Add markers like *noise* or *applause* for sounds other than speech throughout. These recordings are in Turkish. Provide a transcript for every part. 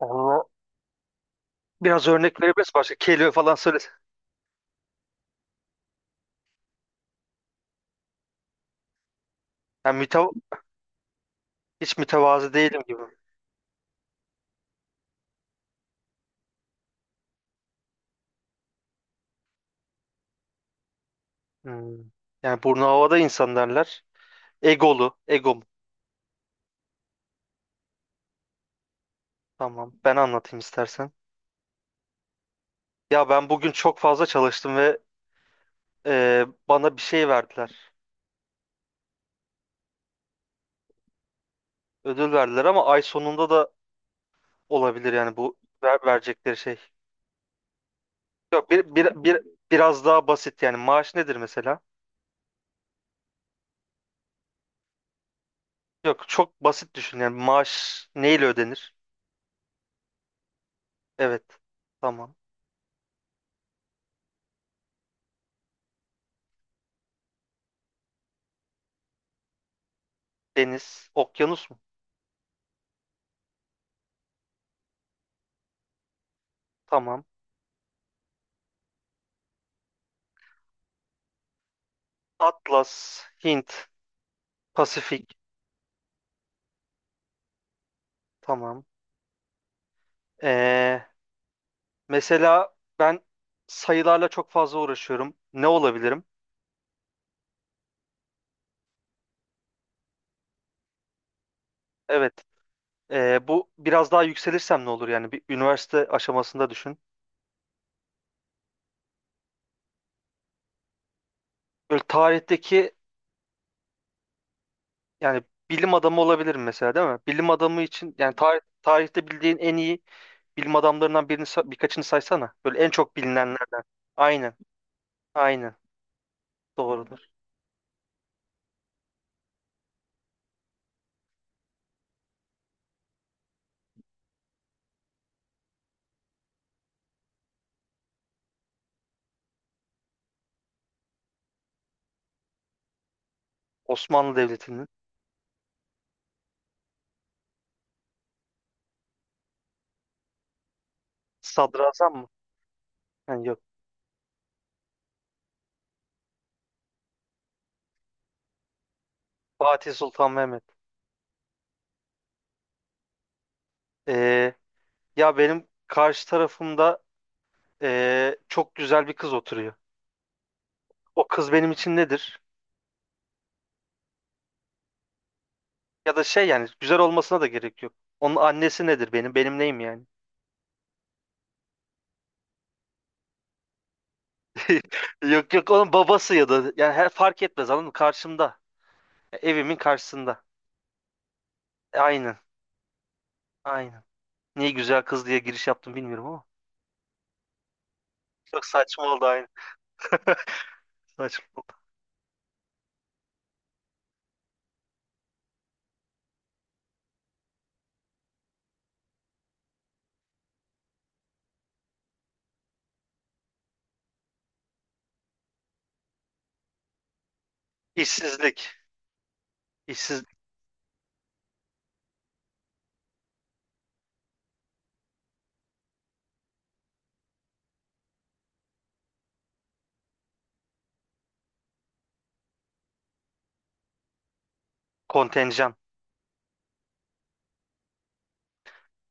Onu biraz örnek verebiliriz. Başka kelime falan söyle. Yani mütev hiç mütevazı değilim gibi. Hmm. Yani burnu havada insan derler. Egolu. Ego mu? Tamam. Ben anlatayım istersen. Ya ben bugün çok fazla çalıştım ve bana bir şey verdiler. Ödül verdiler ama ay sonunda da olabilir yani bu verecekleri şey. Yok bir, biraz daha basit yani maaş nedir mesela? Yok çok basit düşün yani maaş neyle ödenir? Evet. Tamam. Deniz, okyanus mu? Tamam. Atlas, Hint, Pasifik. Tamam. Ee, mesela ben sayılarla çok fazla uğraşıyorum. Ne olabilirim? Evet. Bu biraz daha yükselirsem ne olur yani? Bir üniversite aşamasında düşün. Böyle tarihteki yani bilim adamı olabilirim mesela değil mi? Bilim adamı için yani tarihte bildiğin en iyi bilim adamlarından birkaçını saysana. Böyle en çok bilinenlerden. Aynen. Aynen. Doğrudur. Osmanlı Devleti'nin. Sadrazam mı? Yani yok. Fatih Sultan Mehmet. Ee, Ya benim karşı tarafımda çok güzel bir kız oturuyor. O kız benim için nedir? Ya da şey yani güzel olmasına da gerek yok. Onun annesi nedir benim? Benim neyim yani? *laughs* Yok yok, onun babası ya da yani her fark etmez anladın mı? Karşımda. E, evimin karşısında. E, aynen. Aynen. Niye güzel kız diye giriş yaptım bilmiyorum ama. Çok saçma oldu aynen. Saçma oldu. İşsizlik. İşsiz kontenjan.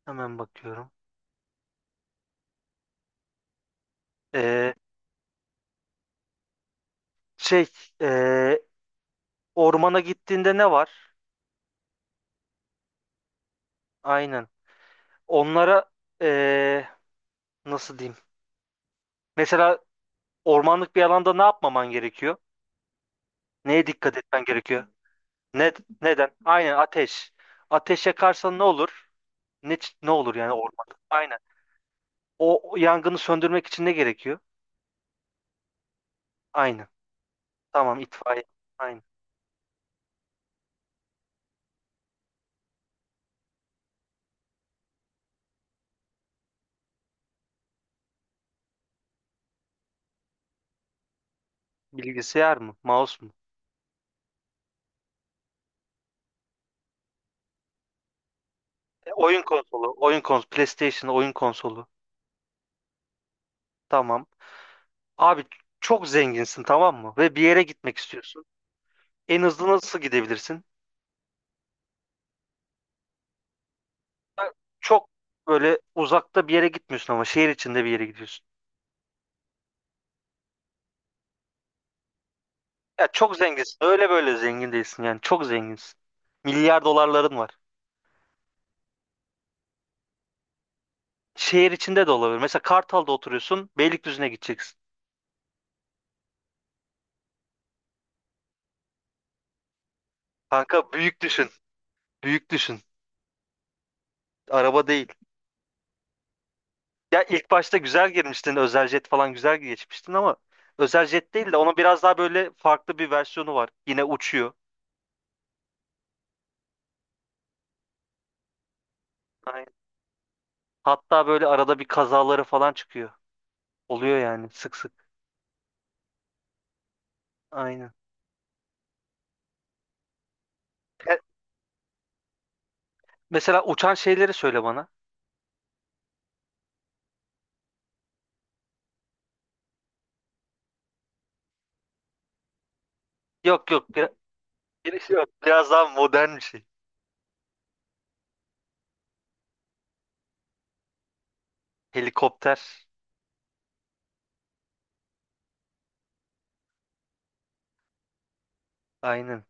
Hemen bakıyorum. Eee, şey eee, ormana gittiğinde ne var? Aynen. Onlara eee, nasıl diyeyim? Mesela ormanlık bir alanda ne yapmaman gerekiyor? Neye dikkat etmen gerekiyor? Ne, neden? Aynen ateş. Ateş yakarsan ne olur? Ne olur yani ormanda? Aynen. O yangını söndürmek için ne gerekiyor? Aynen. Tamam itfaiye. Aynen. Bilgisayar mı? Mouse mu? E, oyun konsolu. Oyun konsolu. PlayStation oyun konsolu. Tamam. Abi çok zenginsin tamam mı? Ve bir yere gitmek istiyorsun. En hızlı nasıl gidebilirsin? Çok böyle uzakta bir yere gitmiyorsun ama şehir içinde bir yere gidiyorsun. Ya çok zenginsin. Öyle böyle zengin değilsin yani. Çok zenginsin. Milyar dolarların var. Şehir içinde de olabilir. Mesela Kartal'da oturuyorsun. Beylikdüzü'ne gideceksin. Kanka büyük düşün. Büyük düşün. Araba değil. Ya ilk başta güzel girmiştin. Özel jet falan güzel geçmiştin ama özel jet değil de onun biraz daha böyle farklı bir versiyonu var. Yine uçuyor. Aynen. Hatta böyle arada bir kazaları falan çıkıyor. Oluyor yani sık sık. Aynen. Mesela uçan şeyleri söyle bana. Yok yok yok. Biraz daha modern bir şey. Helikopter. Aynen.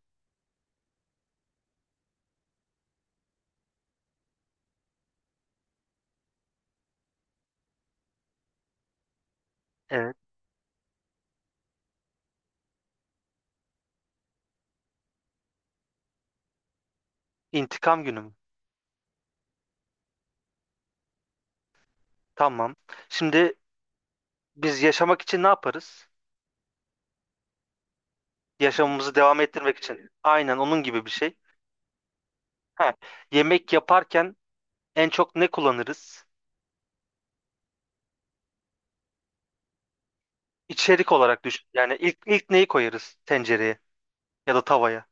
Evet. İntikam günü mü? Tamam. Şimdi biz yaşamak için ne yaparız? Yaşamımızı devam ettirmek için. Aynen onun gibi bir şey. Ha, yemek yaparken en çok ne kullanırız? İçerik olarak düşün. Yani ilk neyi koyarız tencereye ya da tavaya?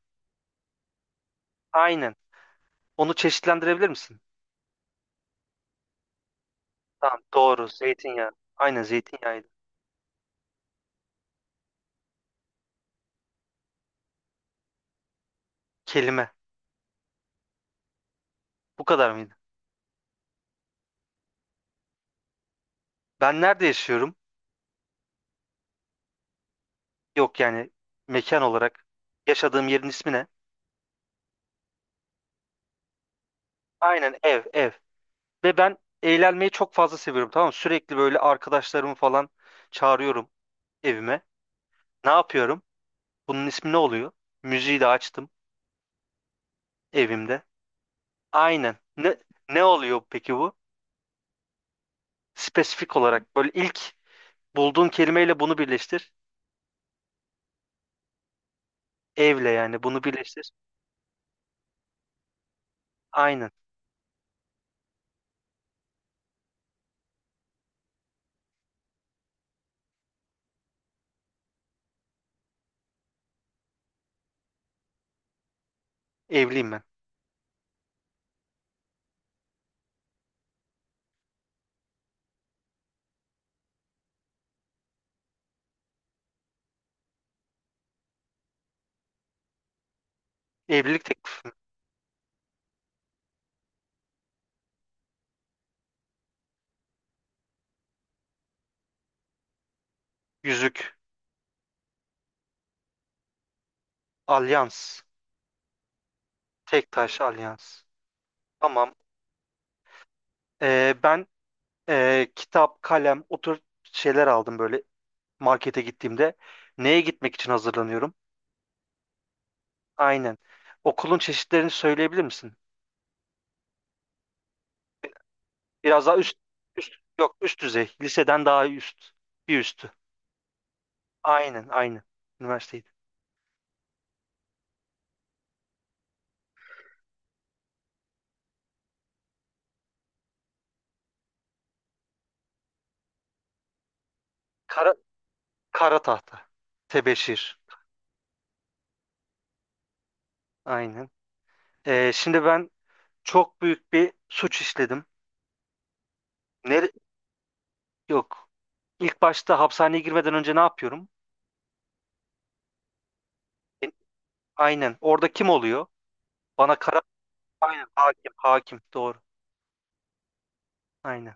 Aynen. Onu çeşitlendirebilir misin? Tamam, doğru. Zeytinyağı. Aynen zeytinyağıydı. Kelime. Bu kadar mıydı? Ben nerede yaşıyorum? Yok yani mekan olarak yaşadığım yerin ismi ne? Aynen ev. Ve ben eğlenmeyi çok fazla seviyorum tamam mı? Sürekli böyle arkadaşlarımı falan çağırıyorum evime. Ne yapıyorum? Bunun ismi ne oluyor? Müziği de açtım evimde. Aynen. Ne, ne oluyor peki bu? Spesifik olarak böyle ilk bulduğun kelimeyle bunu birleştir. Evle yani bunu birleştir. Aynen. Evliyim ben. Evlilik teklifi. Yüzük. Alyans. Tek taş alyans. Tamam. Ben kitap, kalem, o tür şeyler aldım böyle markete gittiğimde. Neye gitmek için hazırlanıyorum? Aynen. Okulun çeşitlerini söyleyebilir misin? Biraz daha üst, yok üst düzey. Liseden daha üst. Bir üstü. Aynen, aynen. Üniversiteydi. Kara, kara tahta. Tebeşir. Aynen. E, şimdi ben çok büyük bir suç işledim. Ne, yok. İlk başta hapishaneye girmeden önce ne yapıyorum? E, aynen. Orada kim oluyor? Bana kara... Aynen. Hakim. Hakim. Doğru. Aynen.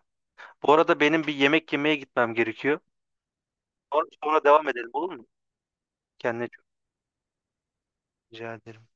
Bu arada benim bir yemek yemeye gitmem gerekiyor. Sonra, sonra devam edelim olur mu? Kendine çok rica ederim.